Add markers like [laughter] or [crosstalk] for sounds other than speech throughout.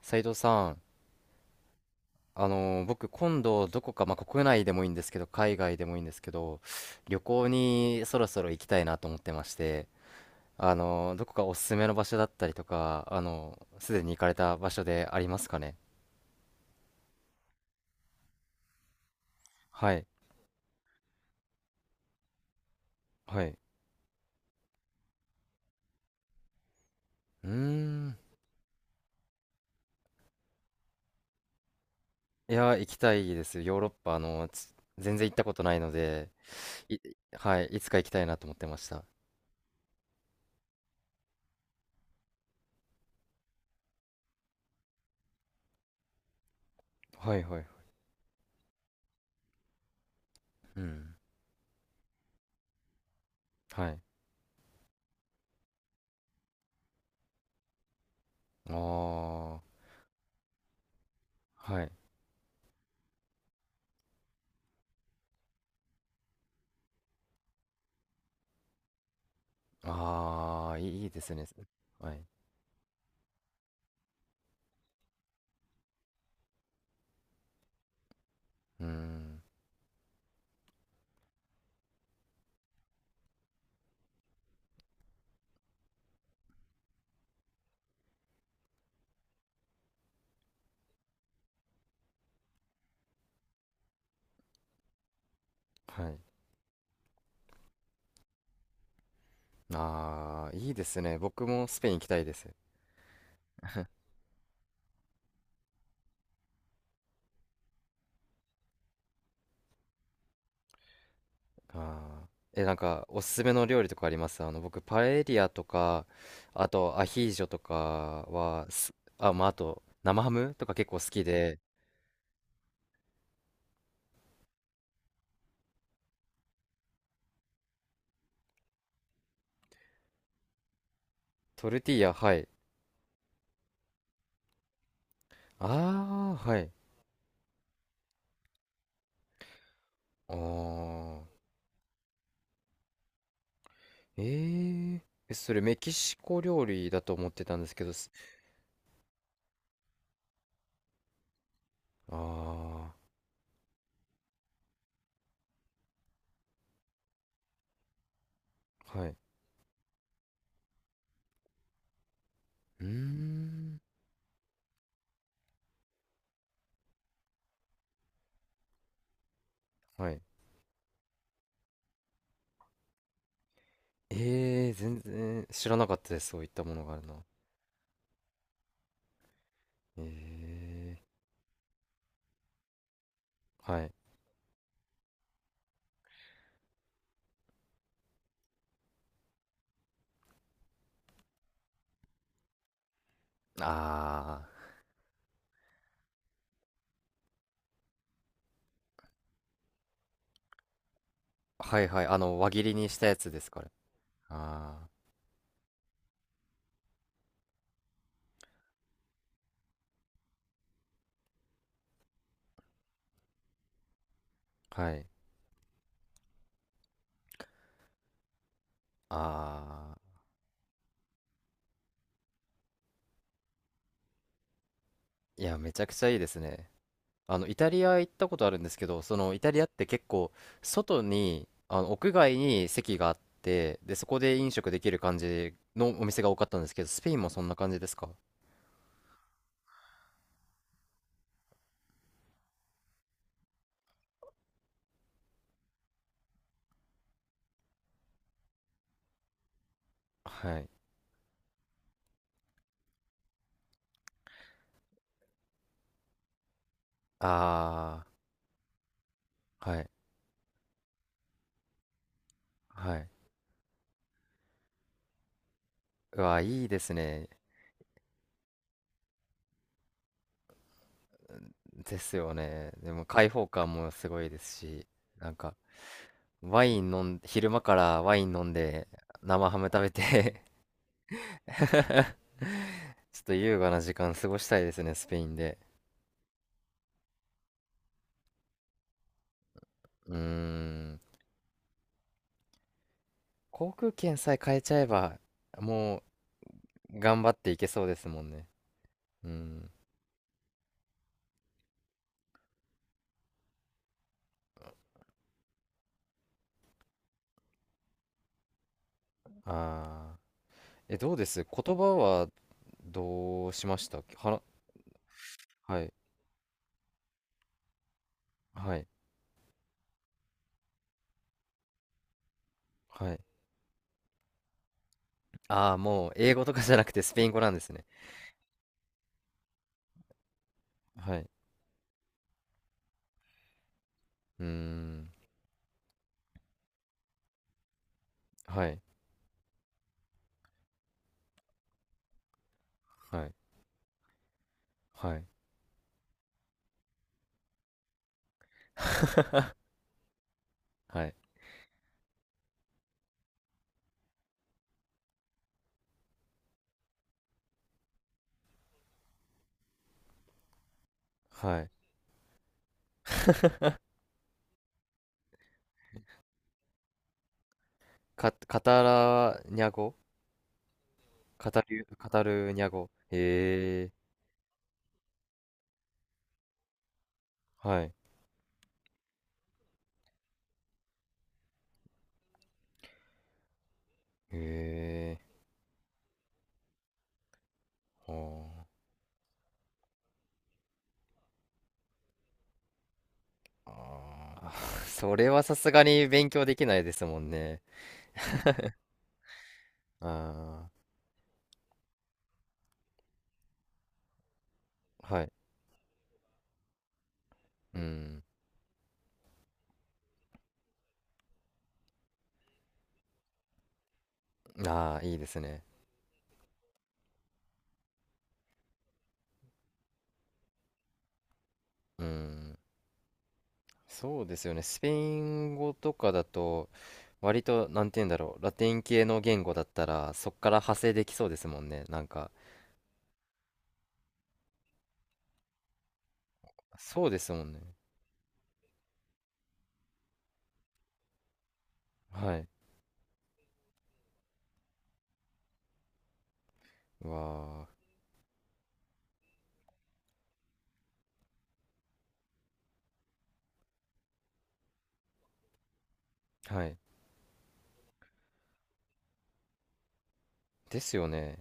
斉藤さん、僕今度どこか、まあ、国内でもいいんですけど海外でもいいんですけど旅行にそろそろ行きたいなと思ってまして、どこかおすすめの場所だったりとか、すでに行かれた場所でありますかね？はいはい。うーん。いや、行きたいです。ヨーロッパ、あのーつ全然行ったことないので、い、はい、いつか行きたいなと思ってました。はいはい。うん。はい。ああ、はい。ああ、いいいいですね。はい。うーん。はい。ああ、いいですね。僕もスペイン行きたいです。ああ。え、なんか、おすすめの料理とかあります？僕、パエリアとか、あと、アヒージョとかは、あ、まあ、あと、生ハムとか結構好きで、トルティーヤ、はい。ああ、はい。ああ。えー、え、それメキシコ料理だと思ってたんですけど、ああ、はい。うーん。はい。えー、全然知らなかったです。そういったものがあるの。ええ。はい。ああ、はいはい。あの、輪切りにしたやつですか？ああ、はい。ああ、いや、めちゃくちゃいいですね。イタリア行ったことあるんですけど、イタリアって結構、外に、屋外に席があって、で、そこで飲食できる感じのお店が多かったんですけど、スペインもそんな感じですか？はい。ああ、はい。はい。うわ、いいですね。ですよね。でも、開放感もすごいですし、なんか、ワイン飲ん、昼間からワイン飲んで、生ハム食べて [laughs] ちょっと優雅な時間過ごしたいですね、スペインで。うーん。航空券さえ変えちゃえば、もう頑張っていけそうですもんね。うん。ああ。え、どうです、言葉は？どうしましたはな、はい。はい。はい。ああ、もう英語とかじゃなくてスペイン語なんですね。はい。うーん。はい。はい。はい。はい。はい。カタラニャ語、カタルニャ語。へえ、はい。へえ、はあ。あー [laughs] それはさすがに勉強できないですもんね。ああ、はい。うん。ああ、いいですね。うん。そうですよね。スペイン語とかだと、割と、なんて言うんだろう。ラテン系の言語だったら、そっから派生できそうですもんね。なんか、そうですもんね。はい。わあ、はい。ですよね。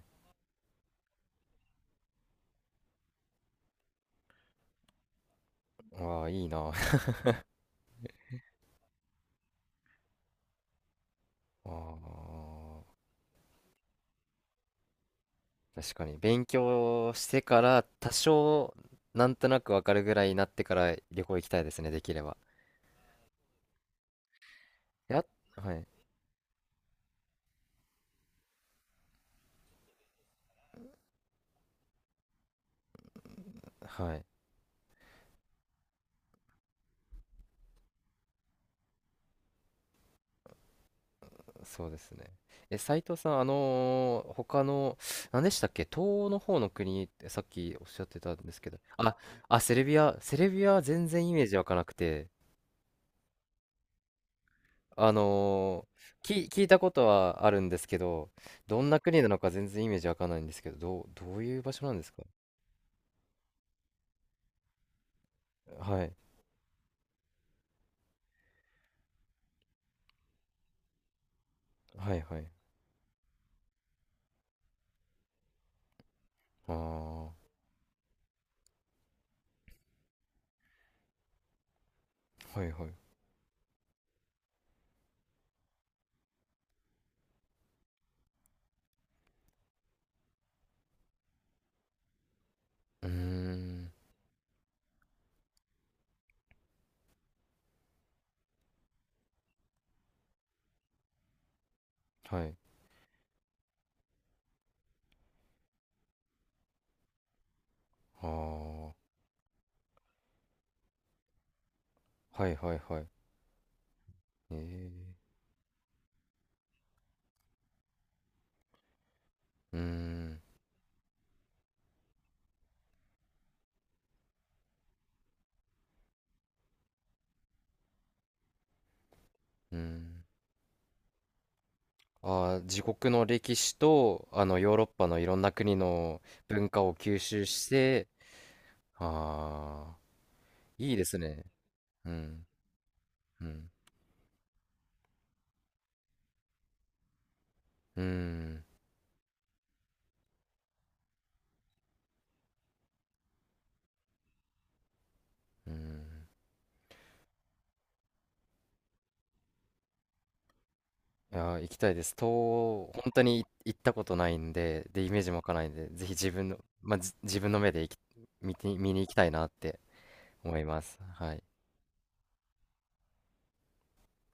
わあ、いいな。あー、確かに勉強してから多少なんとなくわかるぐらいになってから旅行行きたいですね、できれば。やはいはい。そうですね。え、斉藤さん、他の何でしたっけ、東欧の方の国ってさっきおっしゃってたんですけど。ああ、セルビア、セルビアは全然イメージ湧かなくて、あの聞いたことはあるんですけど、どんな国なのか全然イメージ湧かないんですけど、どういう場所なんですか？はい。はい。はい。ああ、はいはい。うーん、はい。ああ、はいはいはい。ええ、うーん、うーん。ああ、自国の歴史と、ヨーロッパのいろんな国の文化を吸収して、ああ、いいですね。うん、うん、うん、うん。いやー、行きたいです。東欧、本当に行ったことないんで、で、イメージも湧かないんで、ぜひ自分の、まあ、自分の目で見て、見に行きたいなって思います。はい。